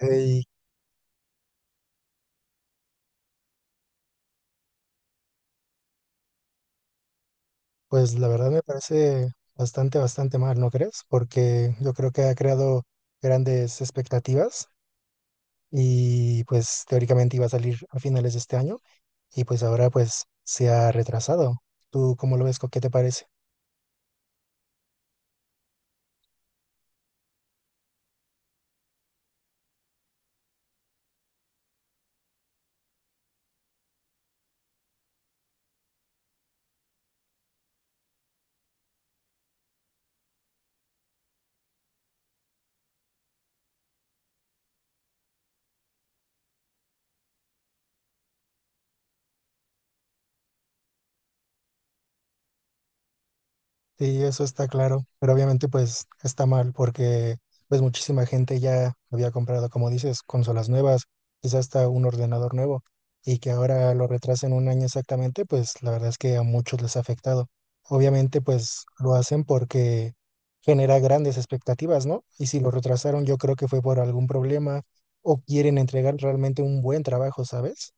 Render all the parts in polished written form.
Y pues la verdad me parece bastante, bastante mal, ¿no crees? Porque yo creo que ha creado grandes expectativas y pues teóricamente iba a salir a finales de este año y pues ahora pues se ha retrasado. ¿Tú cómo lo ves? ¿Qué te parece? Sí, eso está claro, pero obviamente pues está mal porque pues muchísima gente ya había comprado, como dices, consolas nuevas, quizás hasta un ordenador nuevo y que ahora lo retrasen un año exactamente, pues la verdad es que a muchos les ha afectado. Obviamente pues lo hacen porque genera grandes expectativas, ¿no? Y si lo retrasaron yo creo que fue por algún problema o quieren entregar realmente un buen trabajo, ¿sabes?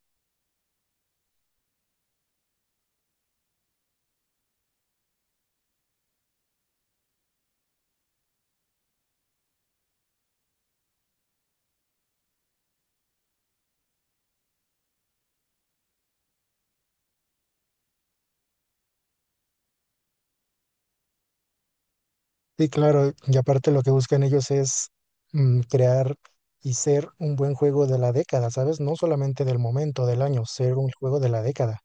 Sí, claro, y aparte lo que buscan ellos es crear y ser un buen juego de la década, ¿sabes? No solamente del momento, del año, ser un juego de la década.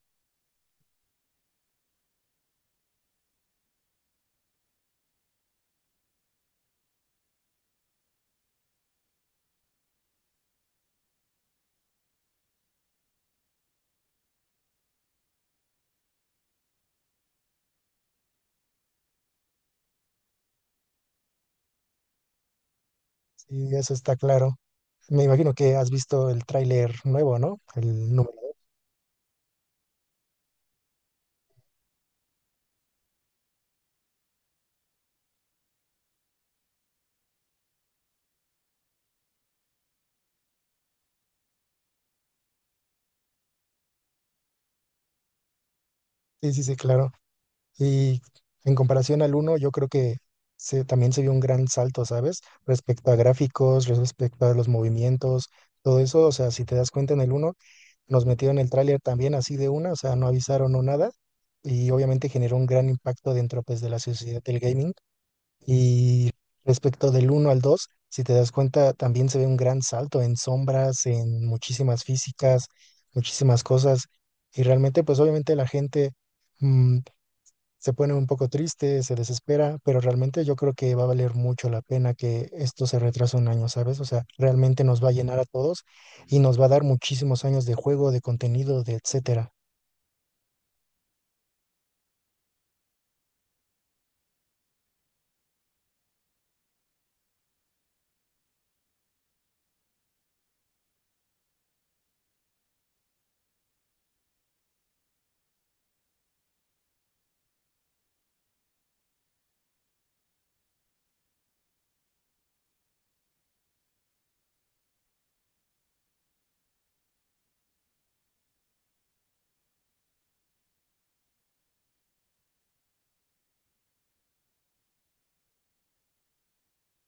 Sí, eso está claro. Me imagino que has visto el tráiler nuevo, ¿no? El número. Sí, sí, sí, claro. Y en comparación al uno yo creo que también se vio un gran salto, ¿sabes? Respecto a gráficos, respecto a los movimientos, todo eso, o sea, si te das cuenta en el uno nos metieron el tráiler también así de una, o sea, no avisaron o nada, y obviamente generó un gran impacto dentro, pues, de la sociedad del gaming. Y respecto del uno al 2 si te das cuenta, también se ve un gran salto en sombras, en muchísimas físicas, muchísimas cosas, y realmente, pues, obviamente la gente... mm, se ponen un poco tristes, se desespera, pero realmente yo creo que va a valer mucho la pena que esto se retrase un año, ¿sabes? O sea, realmente nos va a llenar a todos y nos va a dar muchísimos años de juego, de contenido, de etcétera.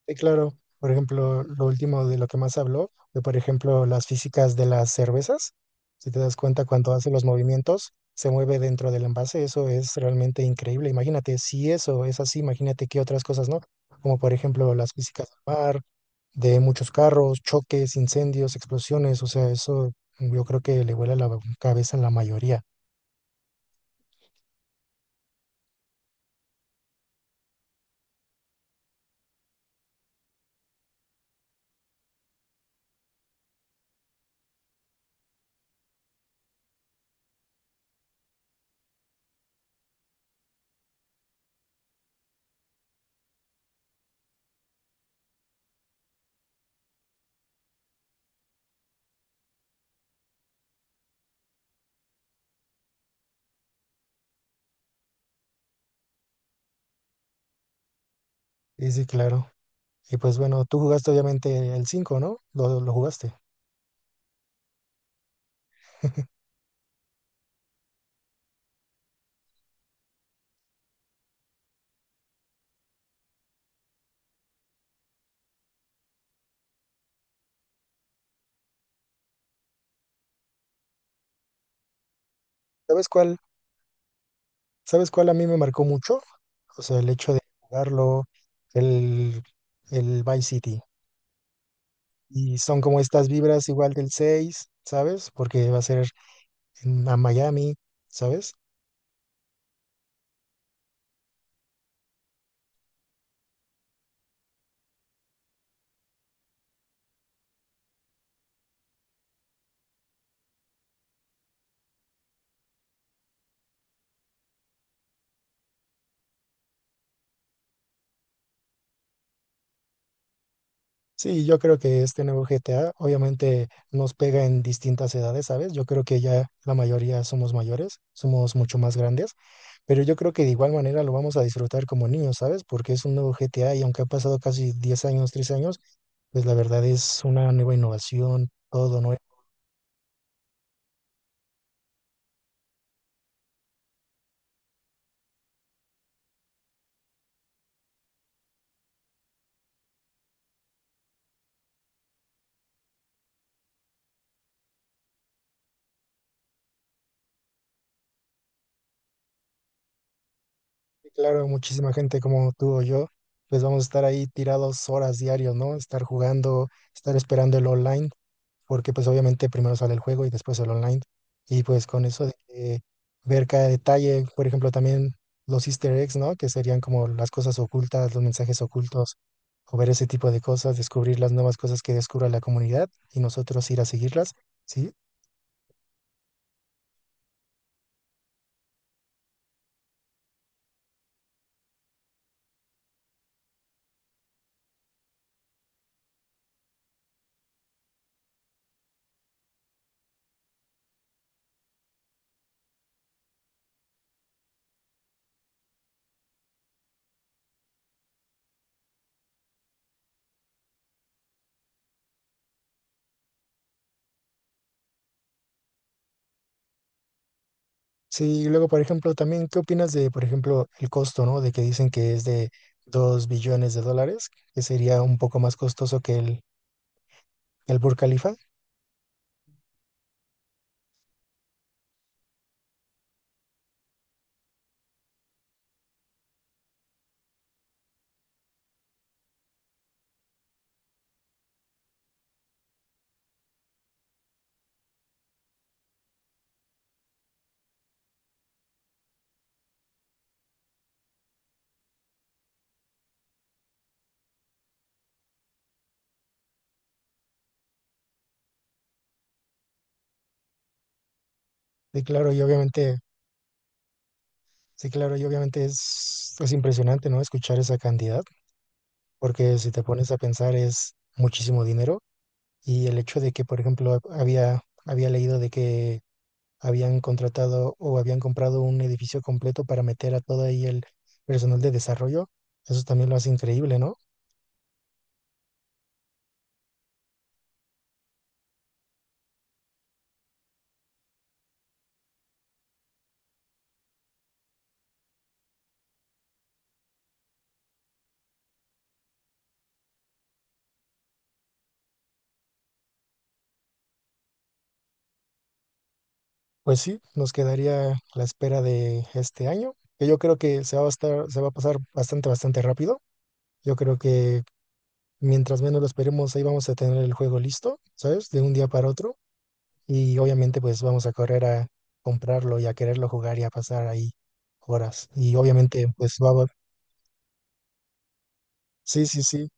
Sí, claro. Por ejemplo, lo último de lo que más habló fue, por ejemplo, las físicas de las cervezas. Si te das cuenta, cuando hace los movimientos, se mueve dentro del envase. Eso es realmente increíble. Imagínate, si eso es así, imagínate qué otras cosas, ¿no? Como por ejemplo las físicas del mar, de muchos carros, choques, incendios, explosiones. O sea, eso yo creo que le vuela la cabeza a la mayoría. Sí, sí, claro. Y pues bueno, tú jugaste obviamente el 5, ¿no? Lo jugaste. ¿Sabes cuál? ¿Sabes cuál a mí me marcó mucho? O sea, el hecho de jugarlo, el, el Vice City. Y son como estas vibras igual del 6, ¿sabes? Porque va a ser a Miami, ¿sabes? Sí, yo creo que este nuevo GTA obviamente nos pega en distintas edades, ¿sabes? Yo creo que ya la mayoría somos mayores, somos mucho más grandes. Pero yo creo que de igual manera lo vamos a disfrutar como niños, ¿sabes? Porque es un nuevo GTA y aunque ha pasado casi 10 años, 3 años, pues la verdad es una nueva innovación, todo nuevo. Y claro, muchísima gente como tú o yo, pues vamos a estar ahí tirados horas diarios, ¿no? Estar jugando, estar esperando el online. Porque pues obviamente primero sale el juego y después el online. Y pues con eso de que ver cada detalle, por ejemplo, también los easter eggs, ¿no? Que serían como las cosas ocultas, los mensajes ocultos, o ver ese tipo de cosas, descubrir las nuevas cosas que descubra la comunidad y nosotros ir a seguirlas, ¿sí? Sí, y luego, por ejemplo, también, ¿qué opinas de, por ejemplo, el costo, ¿no? De que dicen que es de 2 billones de dólares, que sería un poco más costoso que el Burj Khalifa. Sí claro, y obviamente sí, claro, y obviamente es impresionante, ¿no? Escuchar esa cantidad, porque si te pones a pensar es muchísimo dinero y el hecho de que, por ejemplo, había leído de que habían contratado o habían comprado un edificio completo para meter a todo ahí el personal de desarrollo, eso también lo hace increíble, ¿no? Pues sí, nos quedaría la espera de este año, que yo creo que se va a pasar bastante, bastante rápido. Yo creo que mientras menos lo esperemos, ahí vamos a tener el juego listo, ¿sabes? De un día para otro. Y obviamente pues vamos a correr a comprarlo y a quererlo jugar y a pasar ahí horas. Y obviamente pues vamos, sí, sí, sí,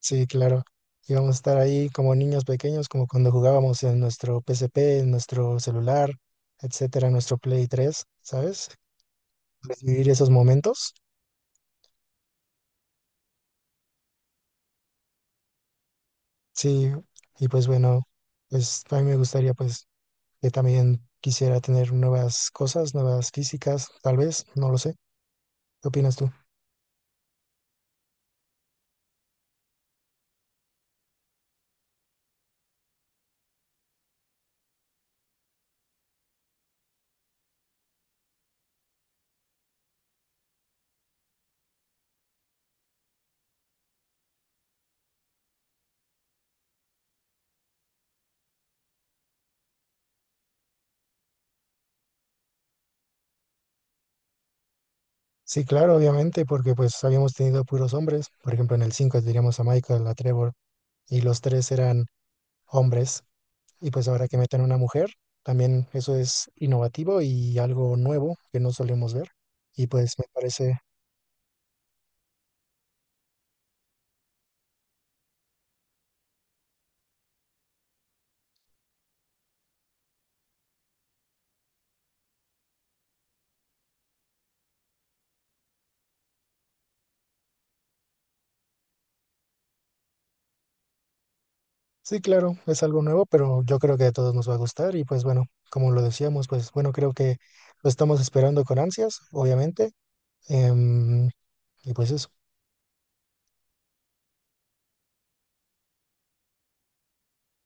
sí, claro. Y vamos a estar ahí como niños pequeños, como cuando jugábamos en nuestro PSP, en nuestro celular, etcétera, en nuestro Play tres, ¿sabes? Pues, vivir esos momentos. Sí, y pues bueno, pues a mí me gustaría pues que también quisiera tener nuevas cosas, nuevas físicas, tal vez, no lo sé. ¿Qué opinas tú? Sí, claro, obviamente, porque pues habíamos tenido puros hombres. Por ejemplo, en el 5 teníamos a Michael, a Trevor, y los tres eran hombres. Y pues ahora que meten una mujer, también eso es innovativo y algo nuevo que no solemos ver. Y pues me parece, sí, claro, es algo nuevo, pero yo creo que a todos nos va a gustar. Y pues bueno, como lo decíamos, pues bueno, creo que lo estamos esperando con ansias, obviamente. Em, y pues eso.